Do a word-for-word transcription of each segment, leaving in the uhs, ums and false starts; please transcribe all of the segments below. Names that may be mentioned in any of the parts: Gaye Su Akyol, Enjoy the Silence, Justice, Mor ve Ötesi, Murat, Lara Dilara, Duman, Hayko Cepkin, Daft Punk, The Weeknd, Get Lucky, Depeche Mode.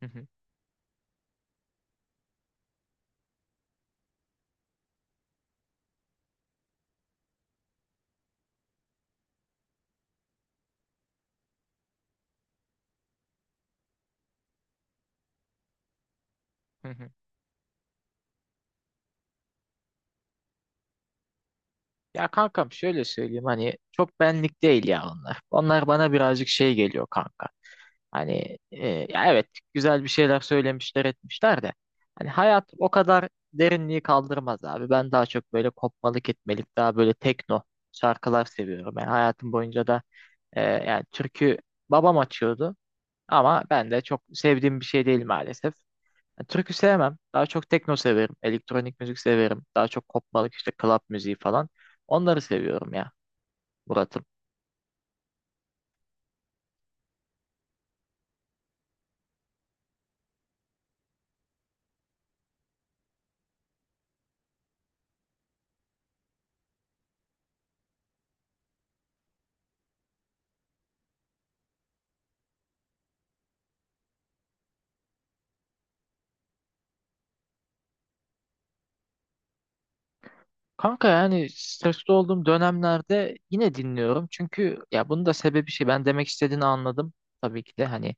Hı hı, hı hı. Ya kankam, şöyle söyleyeyim, hani çok benlik değil ya onlar. Onlar bana birazcık şey geliyor kanka. Hani e, ya evet, güzel bir şeyler söylemişler etmişler de hani hayat o kadar derinliği kaldırmaz abi. Ben daha çok böyle kopmalık etmelik, daha böyle tekno şarkılar seviyorum. Yani hayatım boyunca da e, yani türkü, babam açıyordu ama ben de çok sevdiğim bir şey değil maalesef. Yani türkü sevmem. Daha çok tekno severim. Elektronik müzik severim. Daha çok kopmalık, işte club müziği falan. Onları seviyorum ya Murat'ım. Kanka yani stresli olduğum dönemlerde yine dinliyorum. Çünkü ya bunun da sebebi şey. Ben demek istediğini anladım. Tabii ki de hani,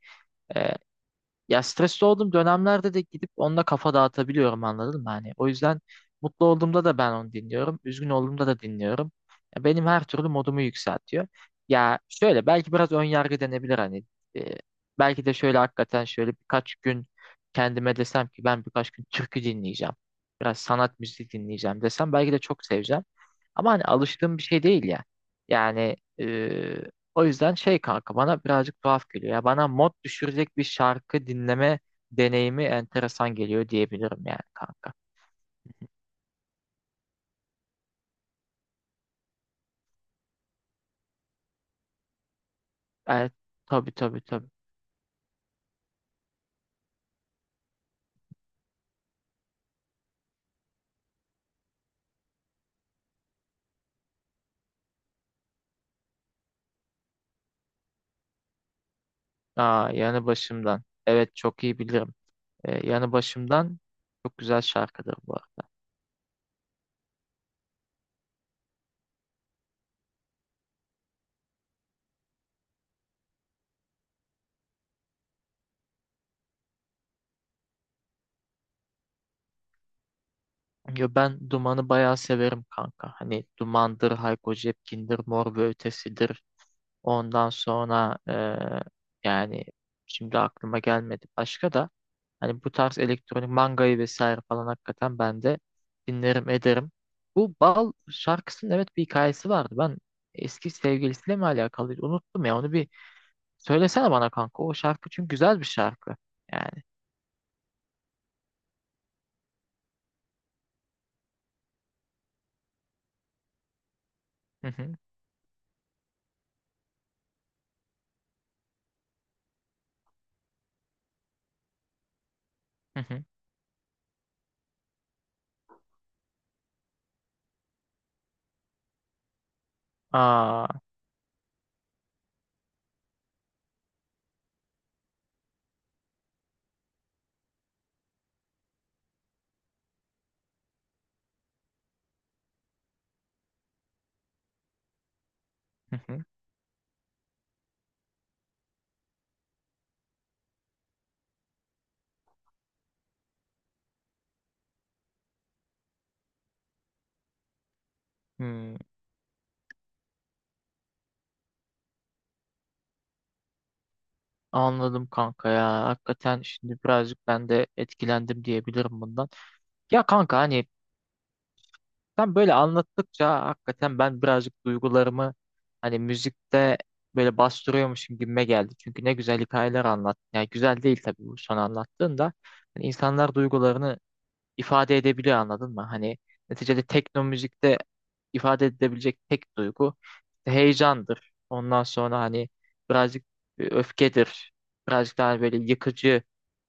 ya stresli olduğum dönemlerde de gidip onunla kafa dağıtabiliyorum, anladın mı? Hani o yüzden mutlu olduğumda da ben onu dinliyorum. Üzgün olduğumda da dinliyorum. Ya benim her türlü modumu yükseltiyor. Ya şöyle belki biraz ön yargı denebilir hani. E, Belki de şöyle hakikaten şöyle birkaç gün kendime desem ki ben birkaç gün türkü dinleyeceğim. Biraz sanat müziği dinleyeceğim desem belki de çok seveceğim. Ama hani alıştığım bir şey değil ya. Yani o yüzden şey kanka, bana birazcık tuhaf geliyor. Ya bana mod düşürecek bir şarkı dinleme deneyimi enteresan geliyor diyebilirim yani kanka. Evet, tabii tabii tabii. Aa, yanı başımdan. Evet, çok iyi bilirim. Ee, yanı başımdan çok güzel şarkıdır bu arada. Ya ben Duman'ı bayağı severim kanka. Hani Duman'dır, Hayko Cepkin'dir, Mor ve Ötesi'dir. Ondan sonra eee, yani şimdi aklıma gelmedi başka da. Hani bu tarz elektronik mangayı vesaire falan hakikaten ben de dinlerim ederim. Bu Bal şarkısının evet bir hikayesi vardı. Ben eski sevgilisiyle mi alakalıydı? Unuttum ya onu, bir söylesene bana kanka. O şarkı çünkü güzel bir şarkı. Yani. Hı hı, hı hı. Aa, hı hı, hmm. Anladım kanka ya. Hakikaten şimdi birazcık ben de etkilendim diyebilirim bundan. Ya kanka hani, sen böyle anlattıkça hakikaten ben birazcık duygularımı hani müzikte böyle bastırıyormuşum gibime geldi. Çünkü ne güzel hikayeler anlattın. Yani güzel değil tabii bu son anlattığın da. Hani insanlar duygularını ifade edebiliyor, anladın mı? Hani neticede tekno müzikte ifade edebilecek tek duygu işte heyecandır. Ondan sonra hani birazcık e, öfkedir. Birazcık daha böyle yıkıcı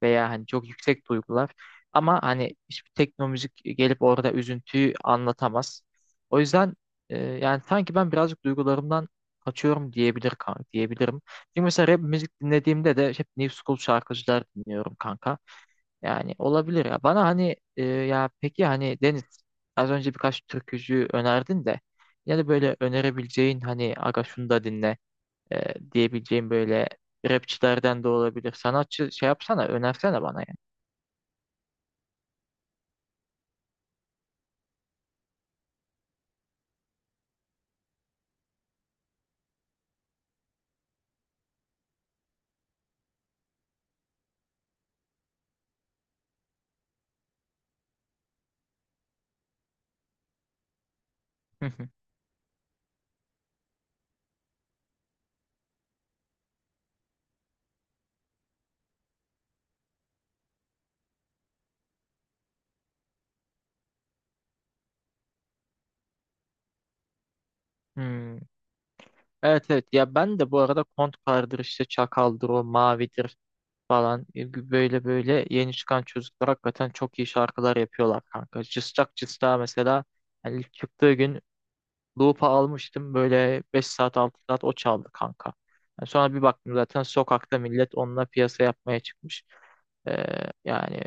veya hani çok yüksek duygular. Ama hani hiçbir tekno müzik gelip orada üzüntüyü anlatamaz. O yüzden e, yani sanki ben birazcık duygularımdan kaçıyorum diyebilir kan diyebilirim. Çünkü mesela rap müzik dinlediğimde de hep New School şarkıcılar dinliyorum kanka. Yani olabilir ya. Bana hani e, ya peki hani Deniz az önce birkaç türkücü önerdin de, ya da böyle önerebileceğin hani aga şunu da dinle e, diyebileceğin böyle rapçilerden de olabilir. Sanatçı şey yapsana, önersene bana yani. Hı hı. Hmm. Evet evet, ya ben de bu arada Kontkar'dır, işte Çakal'dır, o Mavi'dir falan. E, böyle böyle yeni çıkan çocuklar hakikaten çok iyi şarkılar yapıyorlar kanka. Cıstak Cıstak'a mesela hani ilk çıktığı gün Loop'a almıştım. Böyle beş saat altı saat o çaldı kanka. Yani sonra bir baktım zaten sokakta millet onunla piyasa yapmaya çıkmış. Ee, yani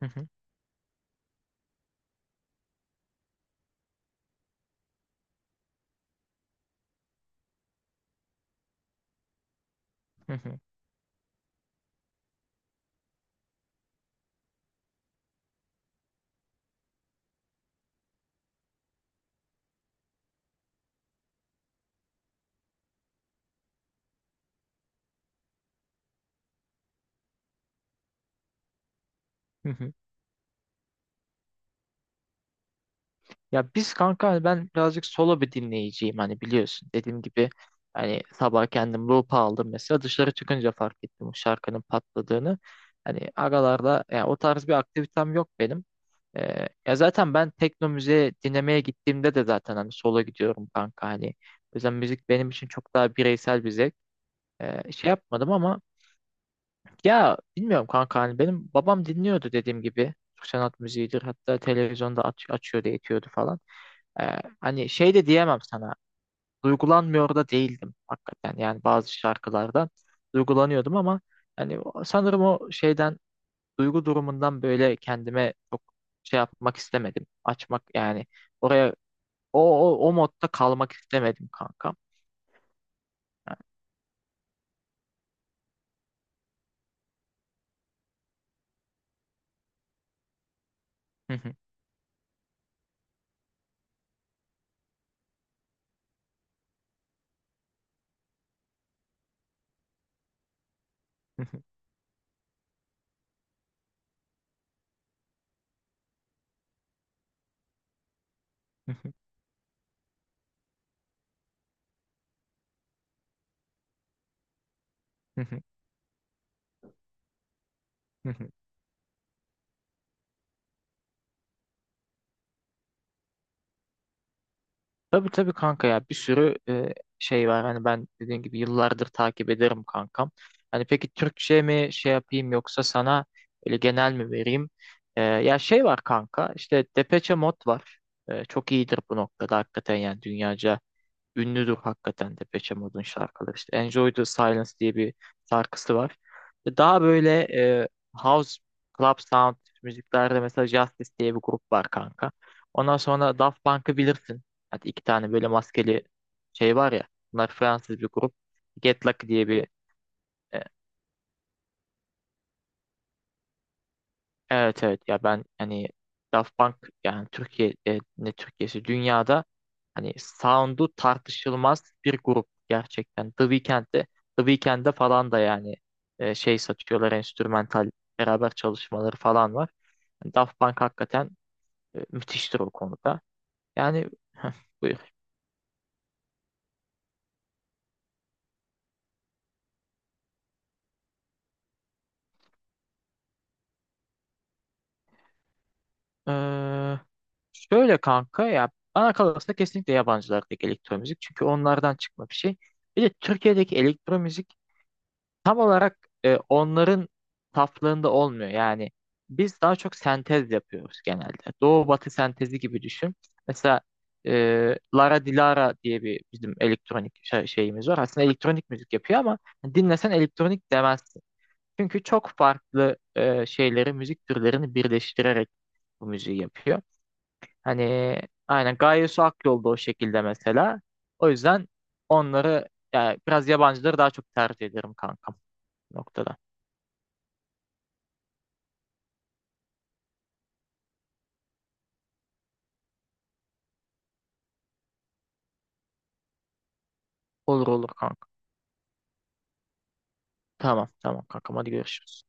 hı hı, hı hı, hı hı. Ya biz kanka hani ben birazcık solo bir dinleyiciyim, hani biliyorsun dediğim gibi. Hani sabah kendim loop'a aldım, mesela dışarı çıkınca fark ettim bu şarkının patladığını. Hani aralarda yani o tarz bir aktivitem yok benim. Ee, ya zaten ben tekno müziği dinlemeye gittiğimde de zaten hani sola gidiyorum kanka hani. O yüzden müzik benim için çok daha bireysel bir zevk. Ee, şey yapmadım ama ya bilmiyorum kanka, hani benim babam dinliyordu dediğim gibi. Türk sanat müziğidir, hatta televizyonda aç, açıyordu etiyordu falan. Ee, hani şey de diyemem sana, duygulanmıyor da değildim hakikaten, yani bazı şarkılardan duygulanıyordum ama hani o- sanırım o şeyden, duygu durumundan böyle kendime çok şey yapmak istemedim. Açmak yani, oraya o o, o modda kalmak istemedim kankam. Yani, hı hı, hı hı, hı hı, hı hı, hı hı. Tabii tabii kanka, ya bir sürü e, şey var. Hani ben dediğim gibi yıllardır takip ederim kankam. Hani peki Türkçe mi şey yapayım, yoksa sana öyle genel mi vereyim? E, ya şey var kanka, işte Depeche Mode var. E, çok iyidir bu noktada hakikaten, yani dünyaca ünlüdür hakikaten de Depeche Mode'un şarkıları. İşte Enjoy the Silence diye bir şarkısı var. Ve daha böyle e, house, club sound müziklerde mesela Justice diye bir grup var kanka. Ondan sonra Daft Punk'ı bilirsin. Hadi iki tane böyle maskeli şey var ya. Bunlar Fransız bir grup. Get Lucky diye bir e, evet evet, ya ben hani Daft Punk yani Türkiye e, ne Türkiye'si, dünyada hani sound'u tartışılmaz bir grup gerçekten. The Weeknd'de The Weeknd'de falan da yani e, şey satıyorlar, enstrümantal beraber çalışmaları falan var. Hani Daft Punk hakikaten e, müthiştir o konuda. Yani heh, buyur. Ee, Şöyle kanka, ya bana kalırsa kesinlikle yabancılardaki elektro müzik. Çünkü onlardan çıkma bir şey. Bir de Türkiye'deki elektro müzik tam olarak e, onların saflığında olmuyor. Yani biz daha çok sentez yapıyoruz genelde. Doğu batı sentezi gibi düşün. Mesela e, Lara Dilara diye bir bizim elektronik şey- şeyimiz var. Aslında elektronik müzik yapıyor ama dinlesen elektronik demezsin. Çünkü çok farklı e, şeyleri, müzik türlerini birleştirerek bu müziği yapıyor. Hani aynen Gaye Su Akyol da o şekilde mesela. O yüzden onları, yani biraz yabancıları daha çok tercih ederim kankam bu noktada. Olur olur kanka. Tamam tamam kankam, hadi görüşürüz.